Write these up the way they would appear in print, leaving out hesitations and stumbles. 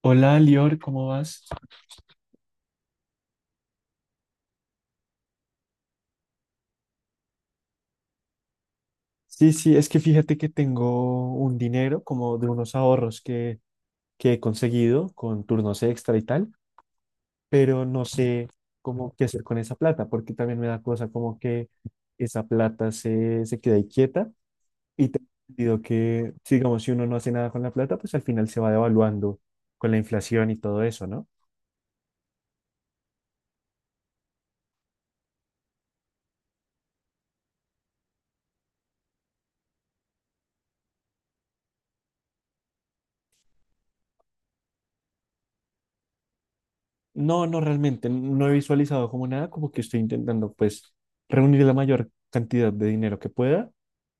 Hola, Lior, ¿cómo vas? Sí, sí, es que fíjate que tengo un dinero como de unos ahorros que he conseguido con turnos extra y tal, pero no sé cómo qué hacer con esa plata, porque también me da cosa como que esa plata se, se queda ahí quieta y te digo que, sí, digamos, si uno no hace nada con la plata, pues al final se va devaluando con la inflación y todo eso, ¿no? No, no, realmente, no he visualizado como nada, como que estoy intentando pues reunir la mayor cantidad de dinero que pueda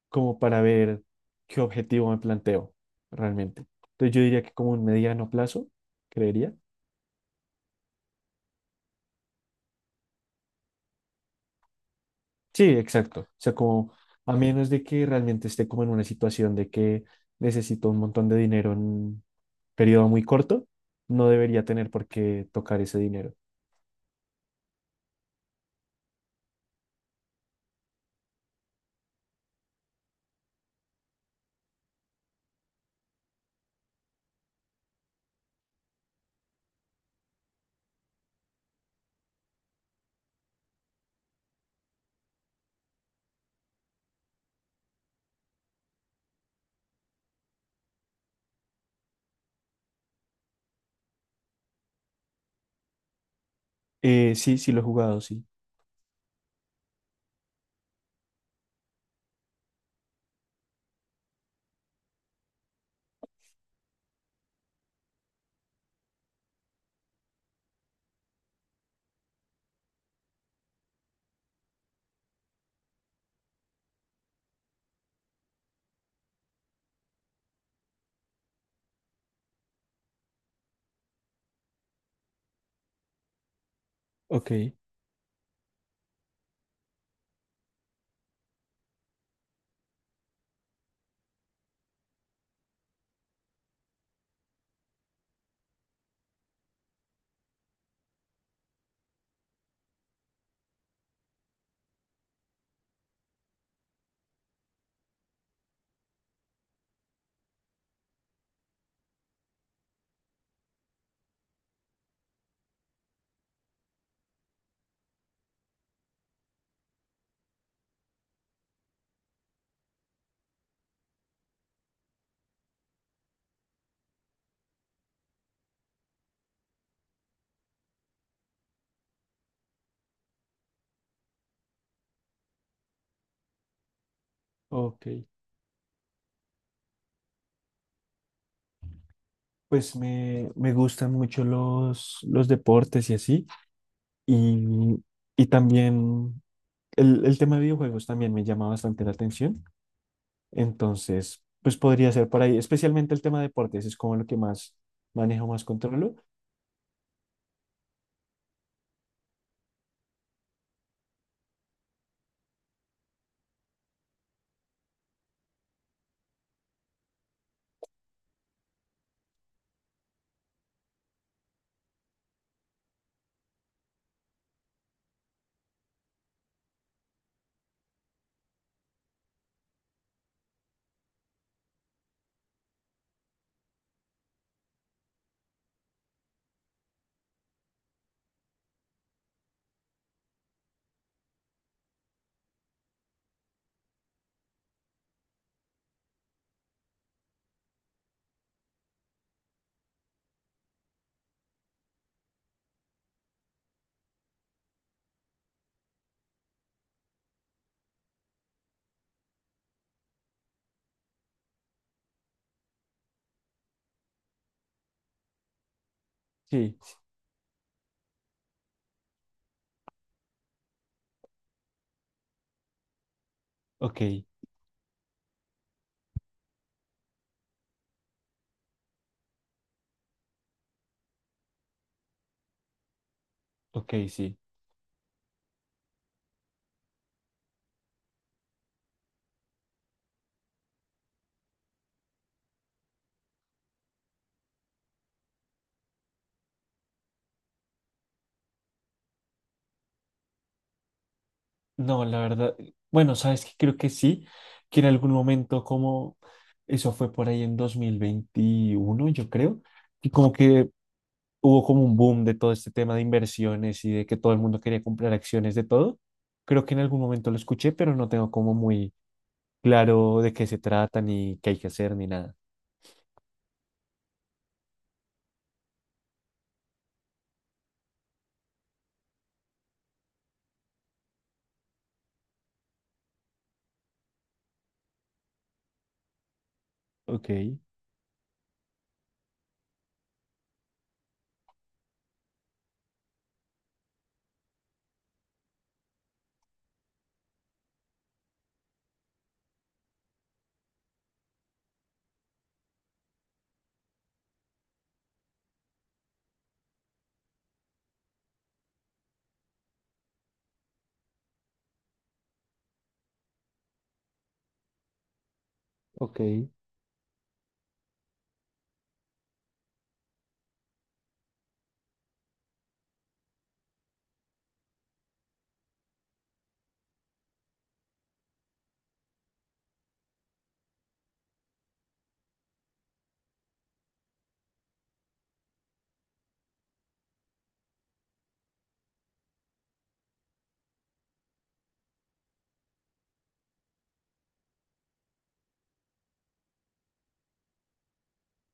como para ver qué objetivo me planteo realmente. Entonces yo diría que como un mediano plazo, creería. Sí, exacto. O sea, como a menos de que realmente esté como en una situación de que necesito un montón de dinero en un periodo muy corto, no debería tener por qué tocar ese dinero. Sí, sí lo he jugado, sí. Ok, ok. Pues me gustan mucho los deportes y así. Y, y también el tema de videojuegos también me llama bastante la atención, entonces, pues podría ser por ahí, especialmente el tema de deportes, es como lo que más manejo, más controlo. Sí, ok, ok, sí. No, la verdad, bueno, sabes que creo que sí, que en algún momento como, eso fue por ahí en 2021 yo creo, y como que hubo como un boom de todo este tema de inversiones y de que todo el mundo quería comprar acciones de todo. Creo que en algún momento lo escuché, pero no tengo como muy claro de qué se trata, ni qué hay que hacer, ni nada. Ok, ok.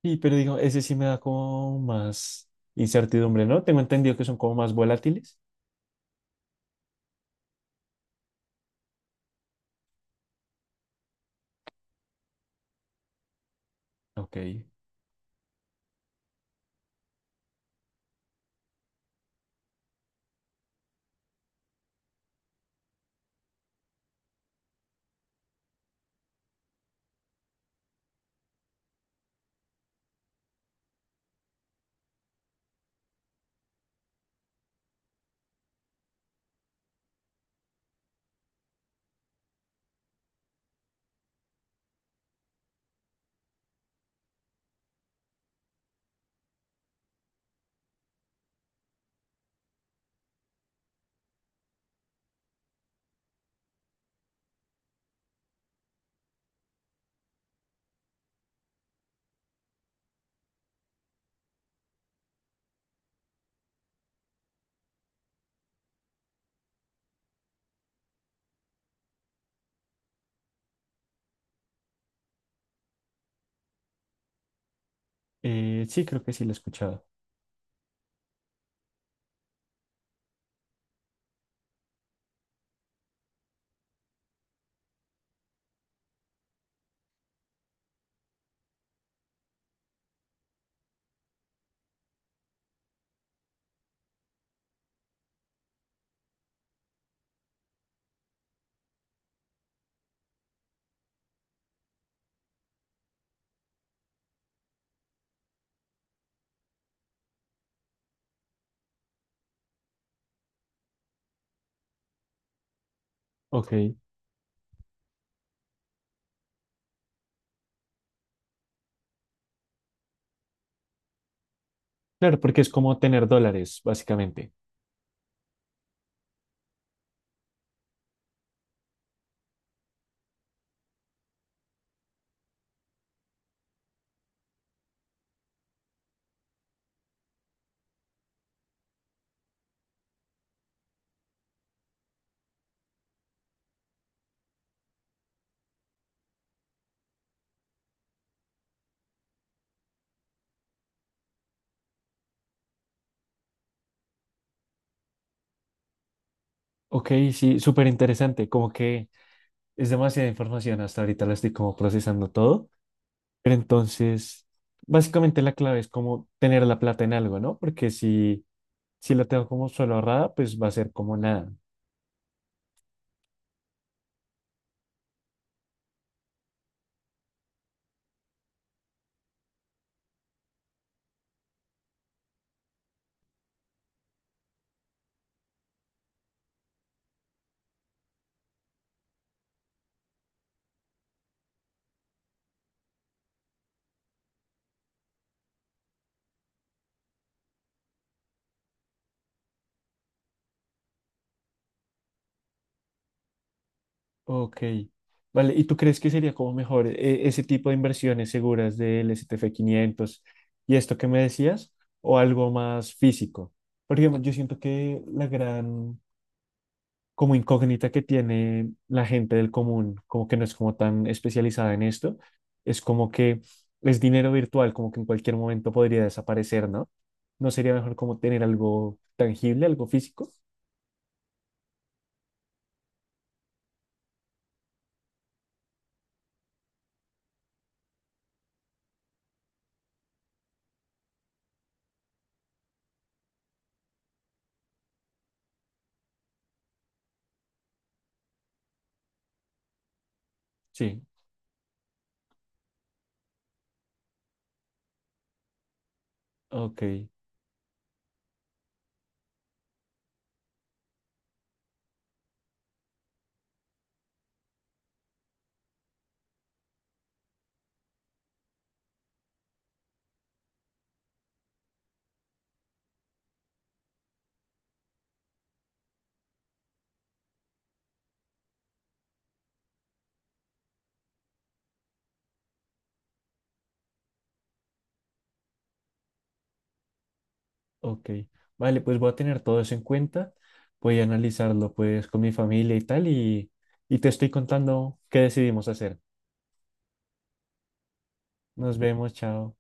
Sí, pero digo, ese sí me da como más incertidumbre, ¿no? Tengo entendido que son como más volátiles. Ok. Sí, creo que sí lo he escuchado. Ok. Claro, porque es como tener dólares, básicamente. Ok, sí, súper interesante. Como que es demasiada información. Hasta ahorita la estoy como procesando todo. Pero entonces, básicamente la clave es como tener la plata en algo, ¿no? Porque si, si la tengo como solo ahorrada, pues va a ser como nada. Ok, vale. ¿Y tú crees que sería como mejor ese tipo de inversiones seguras del STF 500 y esto que me decías o algo más físico? Porque digamos, yo siento que la gran como incógnita que tiene la gente del común, como que no es como tan especializada en esto, es como que es dinero virtual, como que en cualquier momento podría desaparecer, ¿no? ¿No sería mejor como tener algo tangible, algo físico? Sí, ok. Ok, vale, pues voy a tener todo eso en cuenta, voy a analizarlo pues con mi familia y tal y te estoy contando qué decidimos hacer. Nos vemos, chao.